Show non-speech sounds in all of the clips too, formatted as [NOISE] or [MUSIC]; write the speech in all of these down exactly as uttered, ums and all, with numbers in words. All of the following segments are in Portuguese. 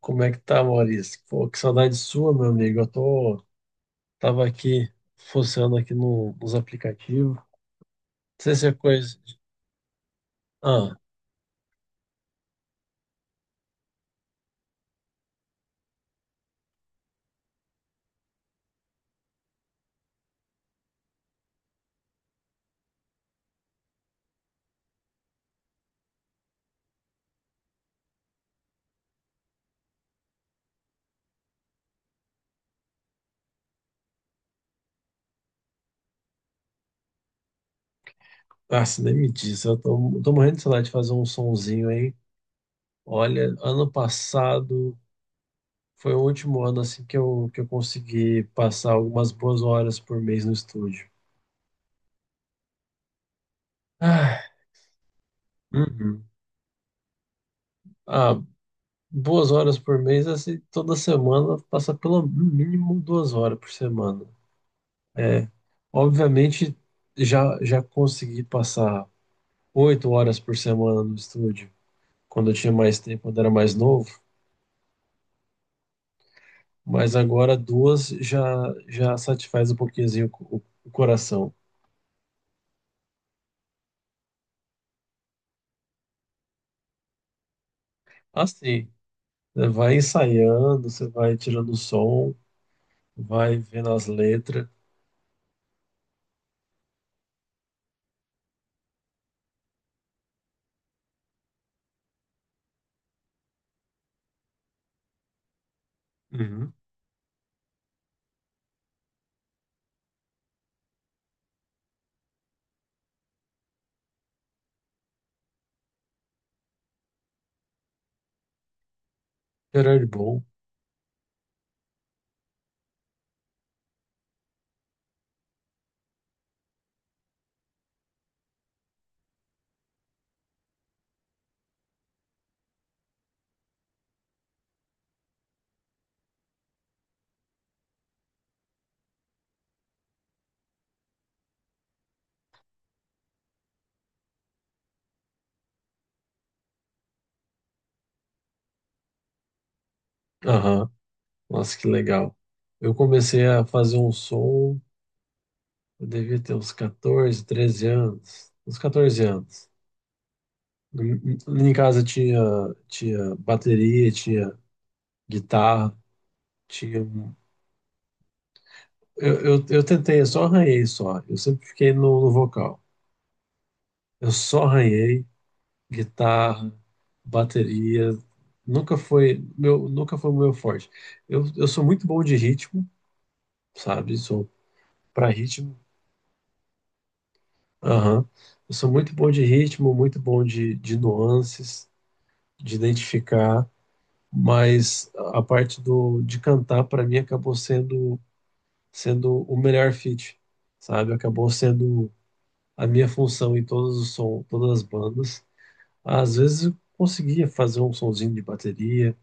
Como é que tá, Maurício? Pô, que saudade sua, meu amigo. Eu tô, tava aqui, funcionando aqui no- nos aplicativos. Não sei se é coisa... Ah, ah, se nem me diz. Eu tô, tô morrendo de saudade de fazer um sonzinho aí. Olha, ano passado foi o último ano, assim, que eu, que eu consegui passar algumas boas horas por mês no estúdio. Ah, uhum. Ah, boas horas por mês, assim, toda semana passa pelo mínimo duas horas por semana. É, obviamente, já, já consegui passar oito horas por semana no estúdio, quando eu tinha mais tempo, quando era mais novo, mas agora duas já, já satisfaz um pouquinhozinho o, o coração. Assim, né, vai ensaiando, você vai tirando o som, vai vendo as letras. Uhum. Gerard Bom. Aham. Nossa, que legal. Eu comecei a fazer um som, eu devia ter uns catorze treze anos. Uns catorze anos. Lá em casa tinha, tinha bateria, tinha guitarra, tinha. um- Eu, eu, eu tentei, eu só arranhei só. Eu sempre fiquei no, no vocal. Eu só arranhei guitarra, bateria. Nunca foi meu, nunca foi o meu forte. Eu, eu sou muito bom de ritmo, sabe? Sou pra ritmo. Aham. Eu sou muito bom de ritmo, muito bom de, de nuances, de identificar. Mas a parte do, de cantar, para mim, acabou sendo sendo o melhor fit, sabe? Acabou sendo a minha função em todos os som, todas as bandas. Às vezes eu conseguia fazer um sonzinho de bateria,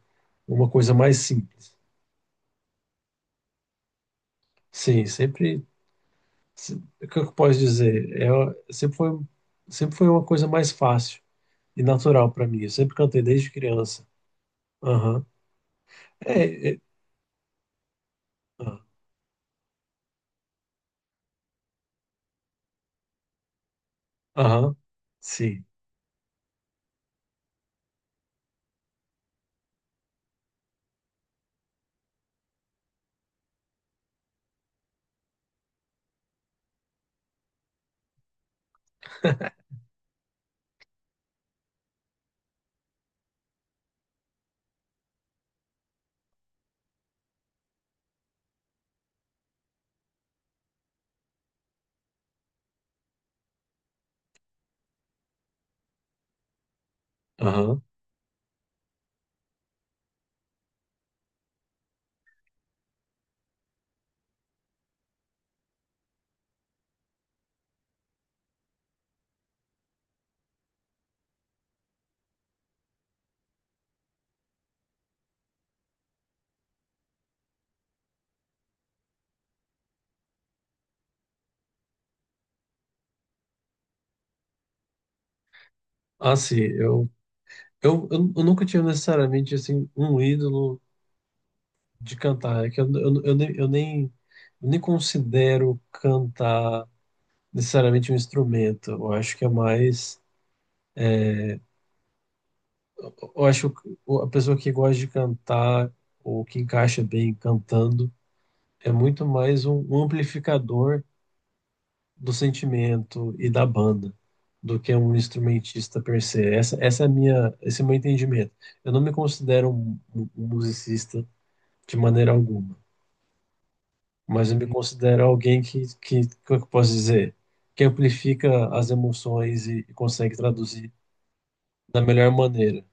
uma coisa mais simples. Sim, sempre, se- o que eu posso dizer? É, sempre foi, sempre foi uma coisa mais fácil e natural para mim. Eu sempre cantei desde criança. Aham. É, é, ah, aham. Sim. [LAUGHS] Aham. Ah, sim, eu, eu, eu eu nunca tinha necessariamente assim um ídolo de cantar. É que eu, eu, eu nem, eu nem, eu nem considero cantar necessariamente um instrumento. Eu acho que é mais. Eu acho que a pessoa que gosta de cantar ou que encaixa bem cantando é muito mais um, um amplificador do sentimento e da banda do que um instrumentista per se. Essa, essa é a minha, esse é o meu entendimento. Eu não me considero um, um um musicista de maneira alguma. Mas eu me considero alguém que, que, como é que eu posso dizer, que amplifica as emoções e, e consegue traduzir da melhor maneira.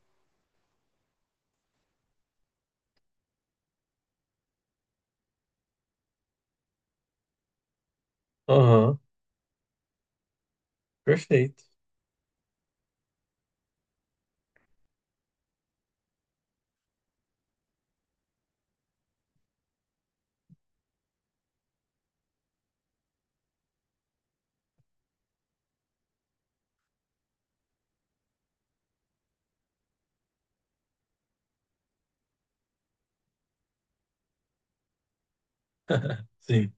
Aham, perfeito. Sim.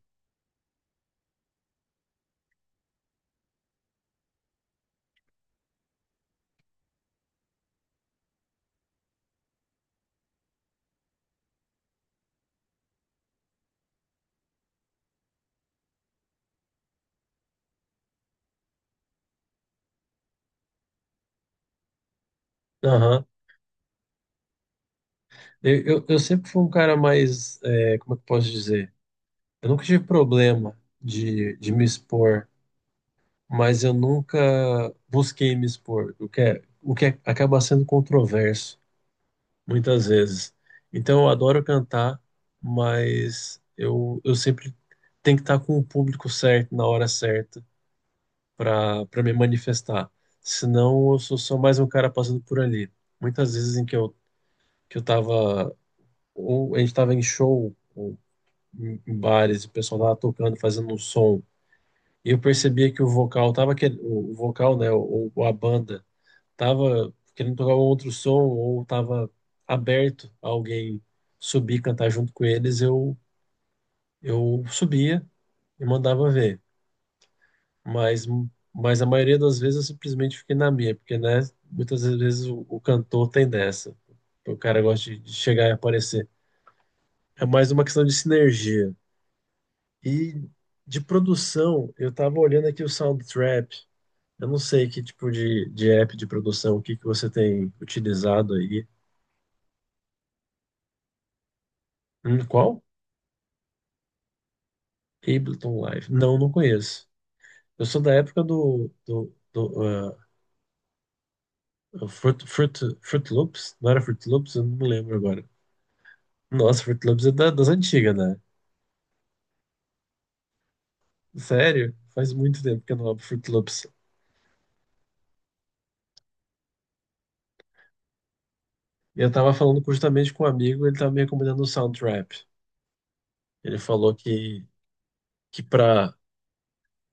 Aham. Eu, eu, eu sempre fui um cara mais, é, como é que eu posso dizer? Eu nunca tive problema de, de me expor, mas eu nunca busquei me expor, o que é, o que é- acaba sendo controverso. Muitas vezes. Então eu adoro cantar, mas eu, eu sempre tenho que estar com o público certo na hora certa para para me manifestar. Senão eu sou só mais um cara passando por ali. Muitas vezes em que eu que eu tava ou a gente tava em show ou em em bares, o pessoal tava tocando, fazendo um som, e eu percebia que o vocal tava que o vocal, né, ou, ou a banda tava querendo tocar um outro som ou tava aberto a alguém subir e cantar junto com eles, eu, eu subia e mandava ver. Mas, mas a maioria das vezes eu simplesmente fiquei na minha, porque né, muitas vezes o, o cantor tem dessa. O cara gosta de, de chegar e aparecer. É mais uma questão de sinergia. E de produção, eu tava olhando aqui o Soundtrap. Eu não sei que tipo de, de app de produção, o que que você tem utilizado aí. Hum, qual? Ableton Live. Não, não conheço. Eu sou da época do, do, do ah, Fruit, Fruit, Fruit Loops. Não era Fruit Loops? Eu não me lembro agora. Nossa, Fruit Loops é da- das antigas, né? Sério? Faz muito tempo que eu não abro Fruit Loops. E eu tava falando justamente com um amigo, ele tava me recomendando o Soundtrap. Ele falou que, que pra,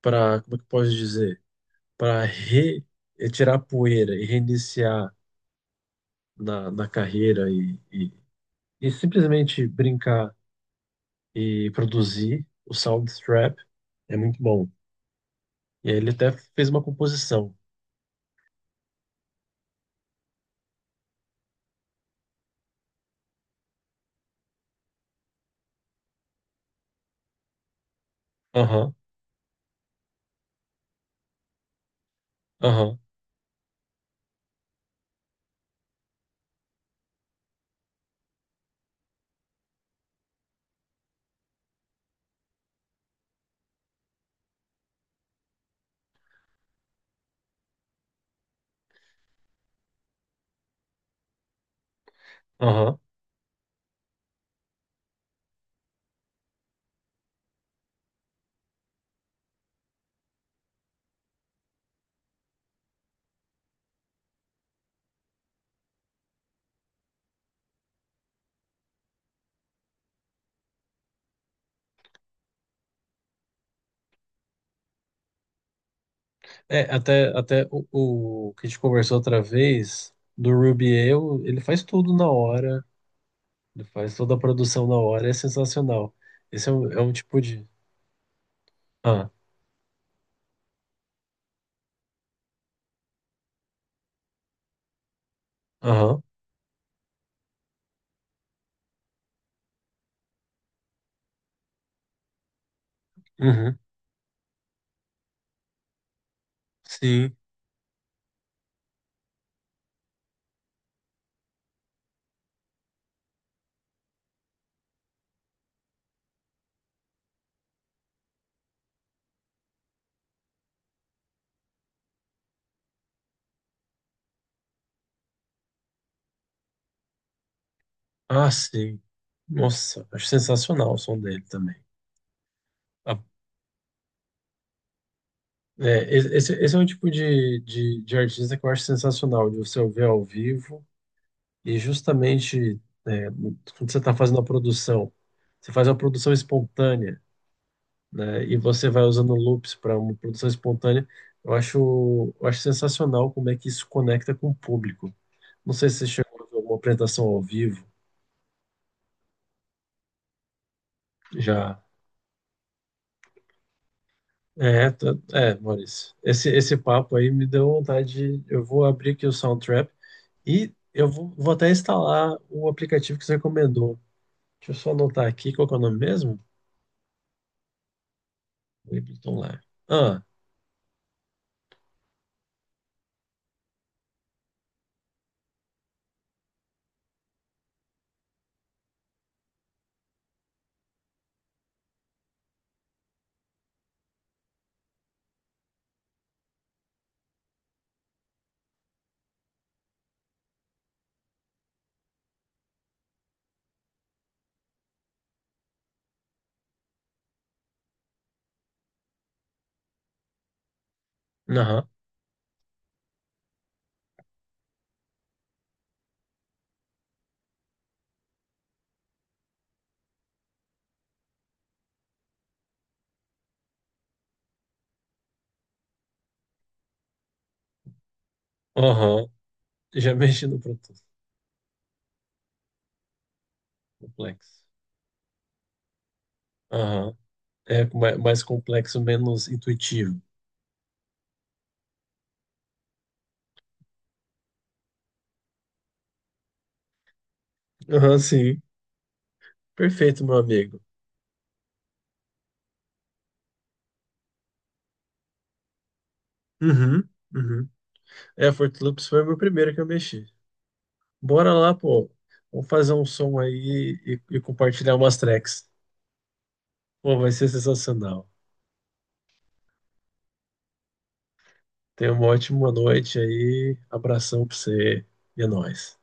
pra, como é que eu posso dizer? Pra re, eh, tirar a poeira e reiniciar na, na carreira e, e, e simplesmente brincar e produzir o Soundstrap. É muito bom. E aí ele até fez uma composição. Aham, aham, aham. É, até, até o, o que a gente conversou outra vez, do Rubiel, ele faz tudo na hora, ele faz toda a produção na hora, é sensacional. Esse é um, é um tipo de. Ah, aham, uhum, sim. Ah, sim. Nossa, acho sensacional o som dele também. Ah, é, esse, esse é um tipo de, de, de artista que eu acho sensacional, de você ouvir ao vivo. E justamente é, quando você está fazendo a produção, você faz uma produção espontânea, né? E você vai usando loops para uma produção espontânea. Eu acho, eu acho sensacional como é que isso conecta com o público. Não sei se você chegou a ver alguma apresentação ao vivo já. É, tá- é, Maurício. Esse, esse papo aí me deu vontade. de- Eu vou abrir aqui o Soundtrap e eu vou, vou até instalar o aplicativo que você recomendou. Deixa eu só anotar aqui qual que é o nome mesmo. Ableton Live. Ah, aham, aham. Já [LAUGHS] mexi no Pro Tools. Complexo. Aham. É ma- mais complexo, menos intuitivo. Aham, sim. Perfeito, meu amigo. Uhum, uhum. É, Fortloops foi o meu primeiro que eu mexi. Bora lá, pô. Vamos fazer um som aí e, e compartilhar umas tracks. Pô, vai ser sensacional. Tenha uma ótima noite aí. Abração pra você e é nóis.